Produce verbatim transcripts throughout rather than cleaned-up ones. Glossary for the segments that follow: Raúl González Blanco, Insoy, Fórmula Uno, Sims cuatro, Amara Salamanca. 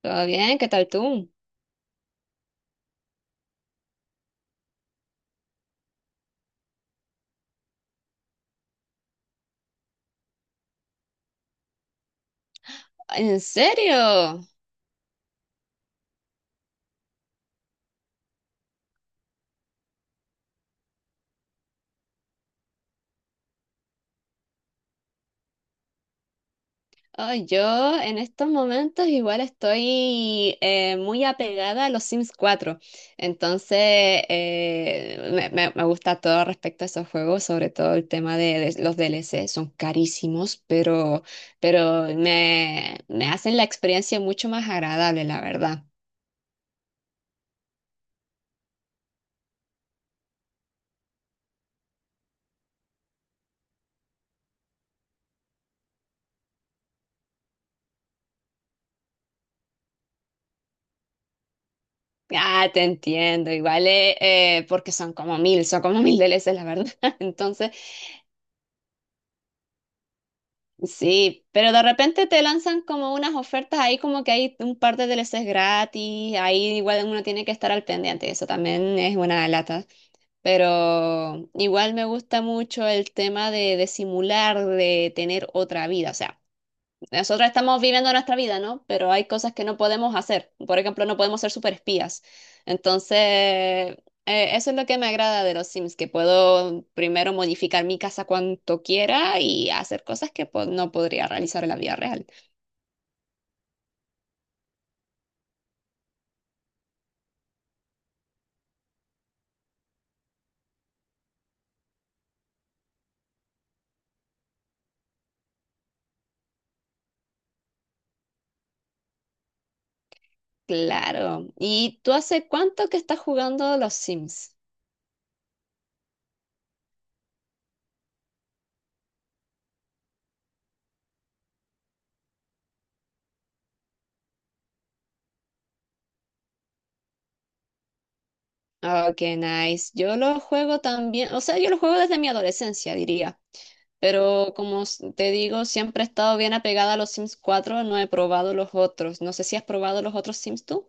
Todo bien, ¿qué tal tú? ¿En serio? Ay, yo en estos momentos igual estoy eh, muy apegada a los Sims cuatro, entonces eh, me, me- me gusta todo respecto a esos juegos, sobre todo el tema de, de los D L C, son carísimos, pero, pero me, me hacen la experiencia mucho más agradable, la verdad. Ah, te entiendo, igual eh, eh, porque son como mil, son como mil D L Cs, la verdad. Entonces... Sí, pero de repente te lanzan como unas ofertas ahí, como que hay un par de D L Cs gratis, ahí igual uno tiene que estar al pendiente, eso también es una lata. Pero igual me gusta mucho el tema de, de simular, de tener otra vida, o sea. Nosotros estamos viviendo nuestra vida, ¿no? Pero hay cosas que no podemos hacer. Por ejemplo, no podemos ser superespías. Entonces, eh, eso es lo que me agrada de los Sims, que puedo primero modificar mi casa cuanto quiera y hacer cosas que pues, no podría realizar en la vida real. Claro. ¿Y tú hace cuánto que estás jugando los Sims? Oh, qué nice. Yo lo juego también, o sea, yo lo juego desde mi adolescencia, diría. Pero como s- te digo, siempre he estado bien apegada a los Sims cuatro. No he probado los otros. No sé si has probado los otros Sims tú.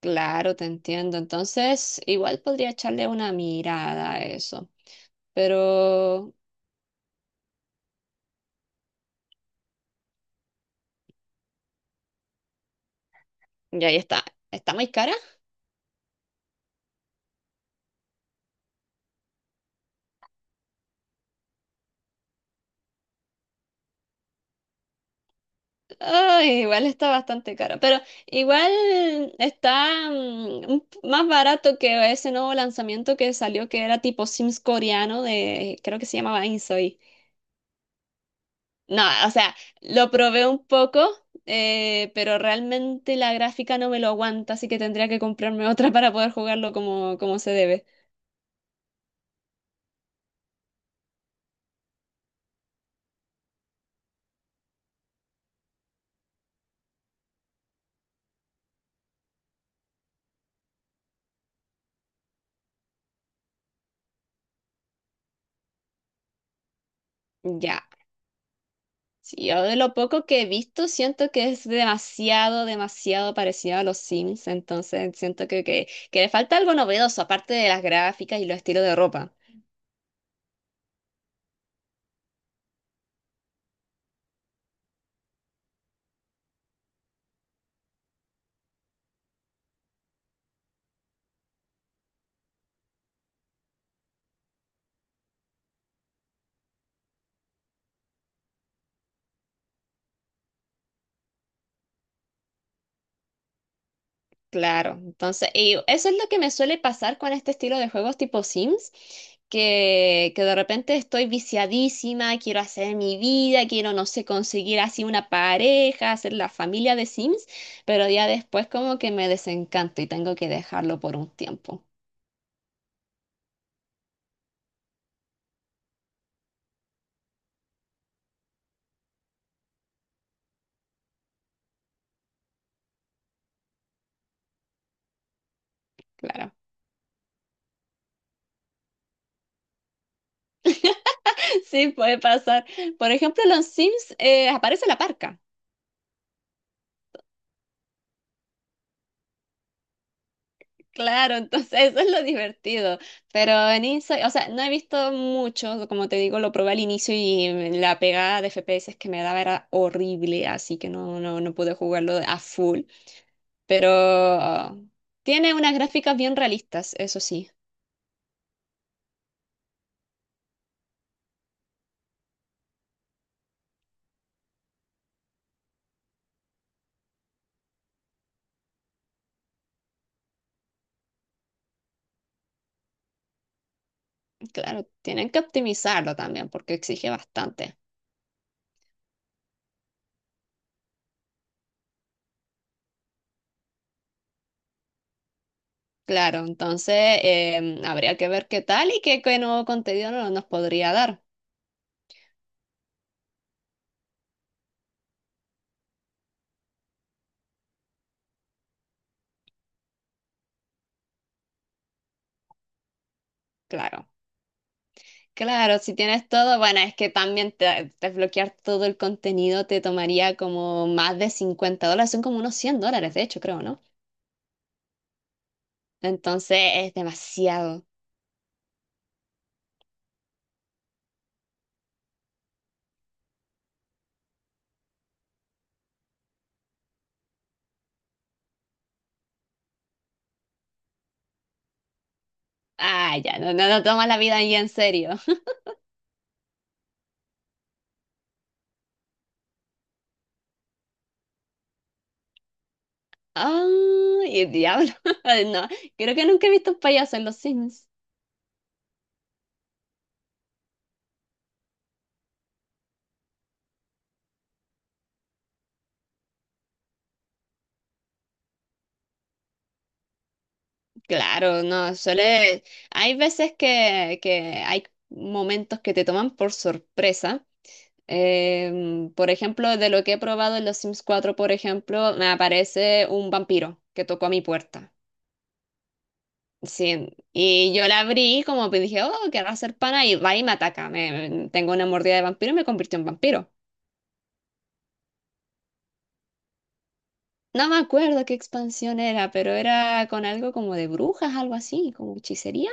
Claro, te entiendo. Entonces, igual podría echarle una mirada a eso. Pero, y ahí está. ¿Está muy cara? Ay, igual está bastante cara. Pero igual está mm, un p- más barato que ese nuevo lanzamiento que salió, que era tipo Sims coreano de, creo que se llamaba Insoy. No, o sea, lo probé un poco, eh, pero realmente la gráfica no me lo aguanta, así que tendría que comprarme otra para poder jugarlo como, como se debe. Ya. Sí, yo de lo poco que he visto siento que es demasiado, demasiado parecido a los Sims, entonces siento que, que, que le falta algo novedoso, aparte de las gráficas y los estilos de ropa. Claro, entonces, y eso es lo que me suele pasar con este estilo de juegos tipo Sims, que, que de repente estoy viciadísima, quiero hacer mi vida, quiero, no sé, conseguir así una pareja, hacer la familia de Sims, pero ya después como que me desencanto y tengo que dejarlo por un tiempo, claro. Sí, puede pasar. Por ejemplo, en los Sims eh, aparece la parca. Claro, entonces eso es lo divertido. Pero en Inside, o sea, no he visto mucho, como te digo, lo probé al inicio y mm, la pegada de F P S que me daba era horrible, así que no, no, no pude jugarlo a full. Pero ah, tiene unas gráficas bien realistas, eso sí. Claro, tienen que optimizarlo también porque exige bastante. Claro, entonces em, habría que ver qué tal y qué, qué nuevo contenido no- nos podría dar. Claro. Claro, si tienes todo, bueno, es que también te- desbloquear todo el contenido te tomaría como más de cincuenta dólares, son como unos cien dólares, de hecho, creo, ¿no? Entonces es demasiado. Ah, ya, no, no, no tomas la vida ahí en serio. Ah, y diablo. No, creo que nunca he visto un payaso en los Sims. Claro, no, suele... Hay veces que, que hay momentos que te toman por sorpresa. Em, por ejemplo, de lo que he probado en los Sims cuatro, por ejemplo, me aparece un vampiro que tocó a mi puerta. Sí, y yo la abrí como que dije, oh, querrá hacer pana y va y me ataca. Me, me- tengo una mordida de vampiro y me convirtió en vampiro. No me acuerdo qué expansión era, pero era con algo como de brujas, algo así, como hechicería.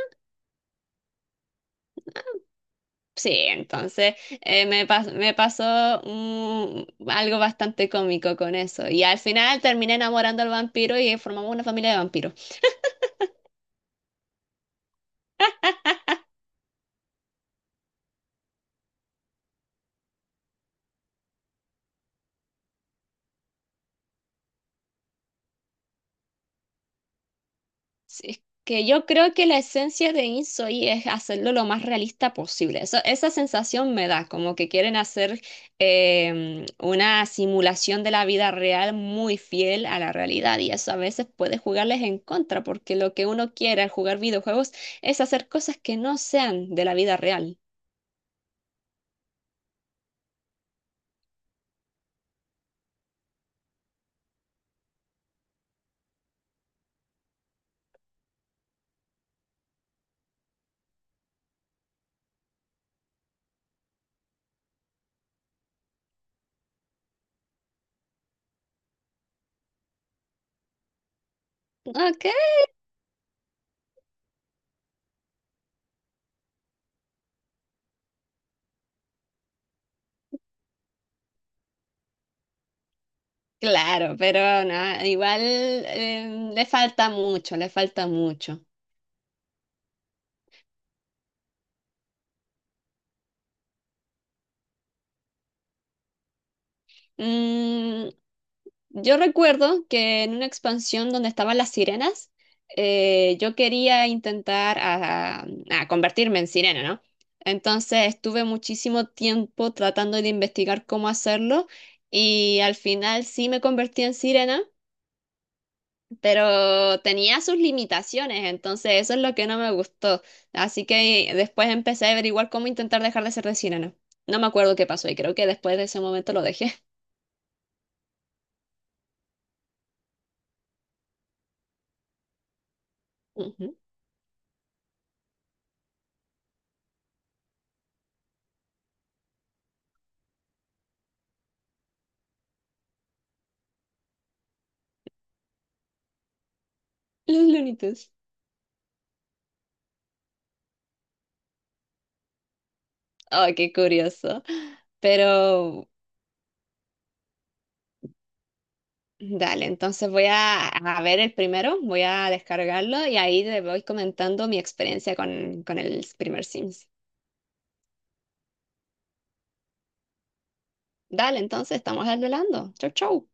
Sí, entonces eh, me, pas- me pasó mm, algo bastante cómico con eso. Y al final terminé enamorando al vampiro y formamos una familia de vampiros. Sí, es que yo creo que la esencia de InSoy es hacerlo lo más realista posible. Eso- esa sensación me da, como que quieren hacer em, una simulación de la vida real muy fiel a la realidad y eso a veces puede jugarles en contra, porque lo que uno quiere al jugar videojuegos es hacer cosas que no sean de la vida real. Ok, claro, pero no, igual em, le falta mucho, le falta mucho. Mm, Yo recuerdo que en una expansión donde estaban las sirenas, eh, yo quería intentar a- a convertirme en sirena, ¿no? Entonces estuve muchísimo tiempo tratando de investigar cómo hacerlo y al final sí me convertí en sirena, pero tenía sus limitaciones, entonces eso es lo que no me gustó. Así que después empecé a averiguar cómo intentar dejar de ser de sirena. No No me acuerdo qué pasó y creo que después de ese momento lo dejé. Ujú. Los lunitos. Ay, qué curioso. Pero dale, entonces voy a, a ver el primero, voy a descargarlo y ahí te voy comentando mi experiencia con, con el primer Sims. Dale, entonces estamos hablando. Chau, chau.